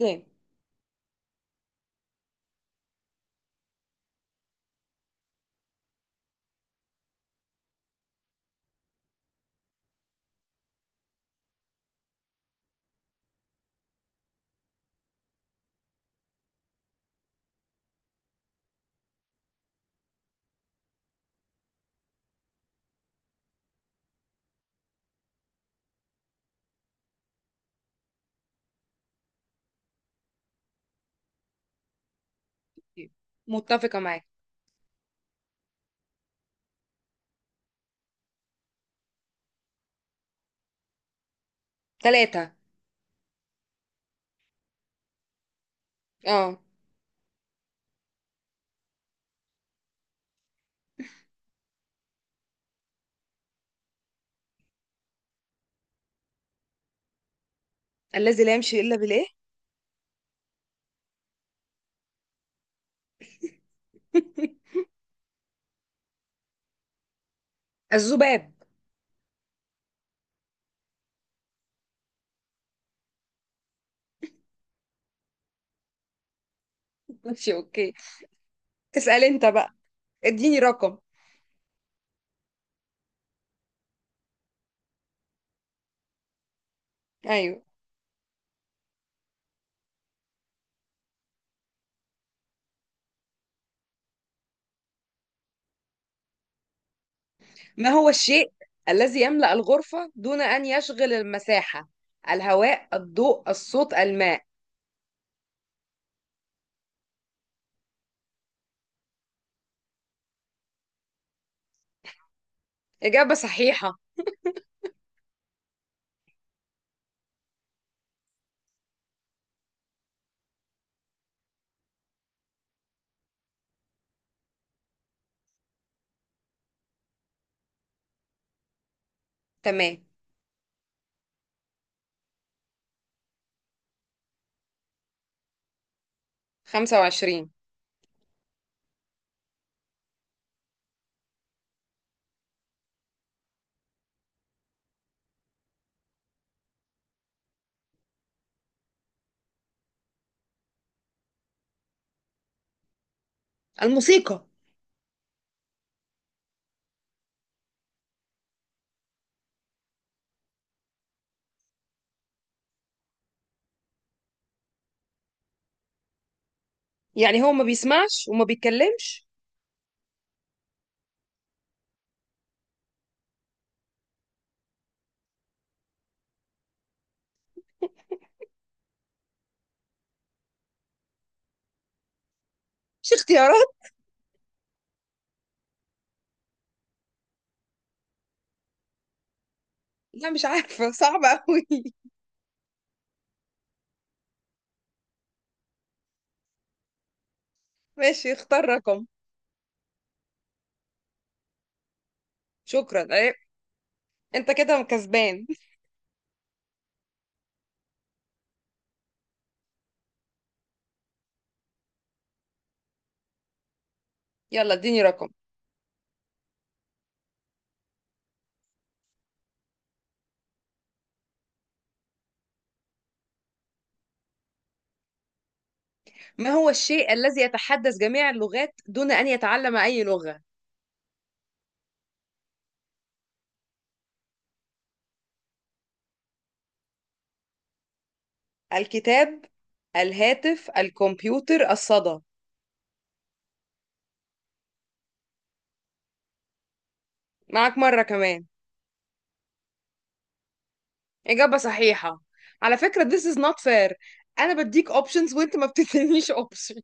اوكي. متفقة معاك. ثلاثة. اه. الذي لا يمشي إلا بالإيه؟ الذباب. ماشي، اوكي. اسأل انت بقى، اديني رقم. ايوه. ما هو الشيء الذي يملأ الغرفة دون أن يشغل المساحة؟ الهواء، الضوء، الصوت، الماء. إجابة صحيحة. تمام. 25. الموسيقى. يعني هو ما بيسمعش وما بيتكلمش؟ مش اختيارات؟ لا، مش عارفة، صعبة أوي. ماشي، اختار رقم. شكرا. انت كده كسبان. يلا اديني رقم. ما هو الشيء الذي يتحدث جميع اللغات دون ان يتعلم اي لغة؟ الكتاب، الهاتف، الكمبيوتر، الصدى. معك مرة كمان. اجابة صحيحة. على فكرة this is not fair. انا بديك options وانت ما بتدينيش option.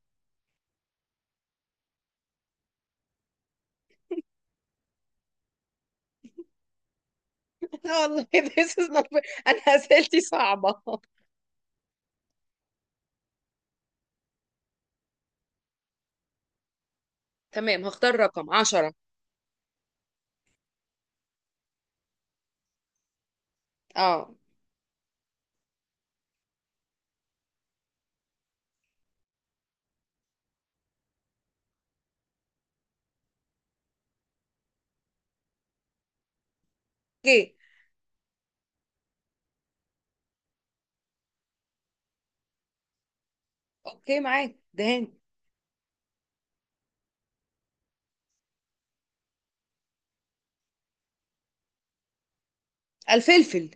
والله this is not fair، انا اسئلتي صعبة. تمام، هختار رقم 10. اه. اوكي. اوكي، معاك دهان. الفلفل.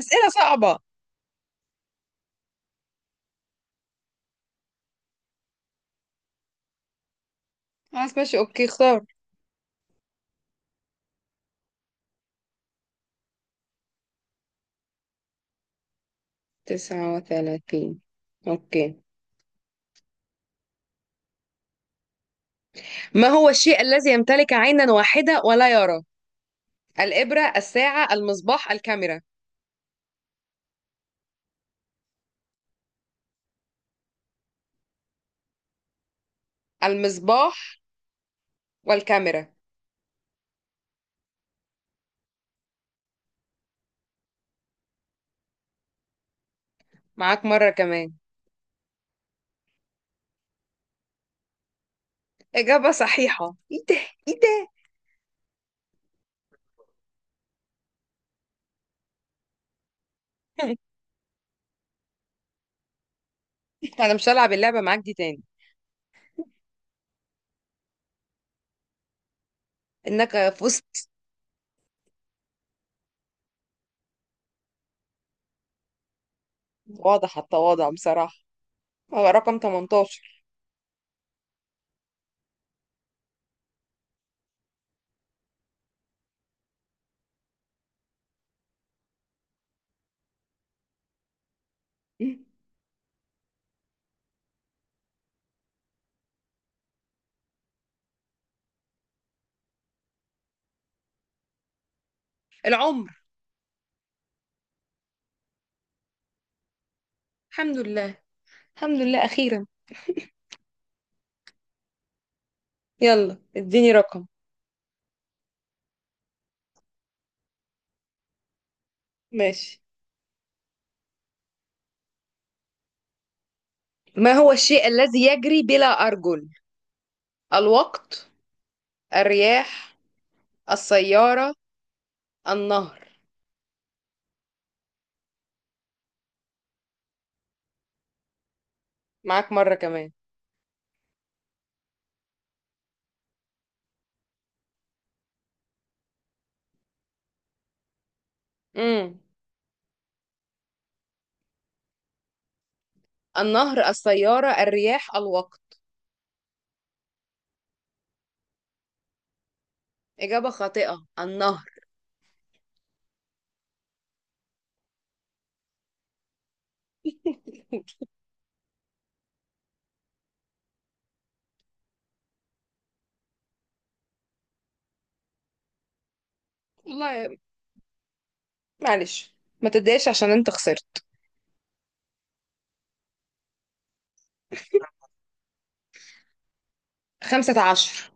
اسئلة صعبة. خلاص، ماشي، اوكي، اختار. 39. أوكي. ما هو الشيء الذي يمتلك عينا واحدة ولا يرى؟ الإبرة، الساعة، المصباح، الكاميرا. المصباح والكاميرا. معاك مرة كمان. إجابة صحيحة. إيه ده، إيه ده. أنا مش هلعب اللعبة معاك دي تاني. إنك فزت. واضح التواضع بصراحة. هو رقم 18. العمر. الحمد لله. الحمد لله أخيرا. يلا اديني رقم. ماشي. ما هو الشيء الذي يجري بلا أرجل؟ الوقت، الرياح، السيارة، النهر. معاك مرة كمان. امم النهر، السيارة، الرياح، الوقت. إجابة خاطئة. النهر. والله، معلش، ما تتضايقش عشان انت خسرت. 15.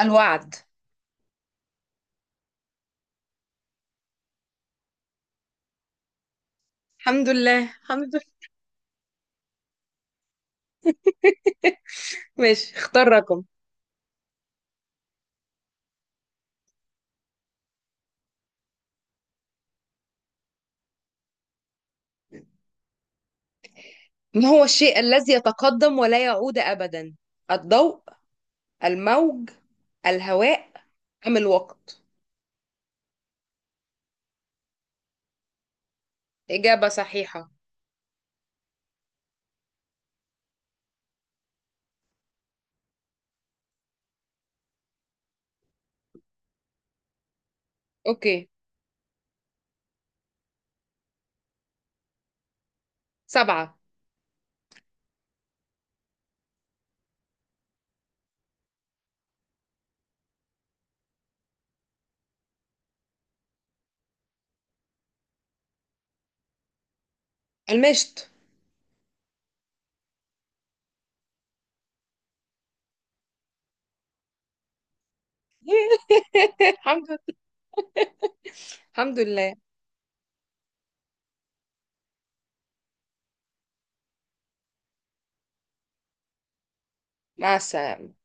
الوعد. الحمد لله، الحمد لله. ماشي، اختار رقم. ما هو الشيء الذي يتقدم ولا يعود أبدا؟ الضوء، الموج، الهواء، أم الوقت؟ إجابة صحيحة. أوكي. سبعة. المشت. الحمد لله. الحمد لله. مع السلامة.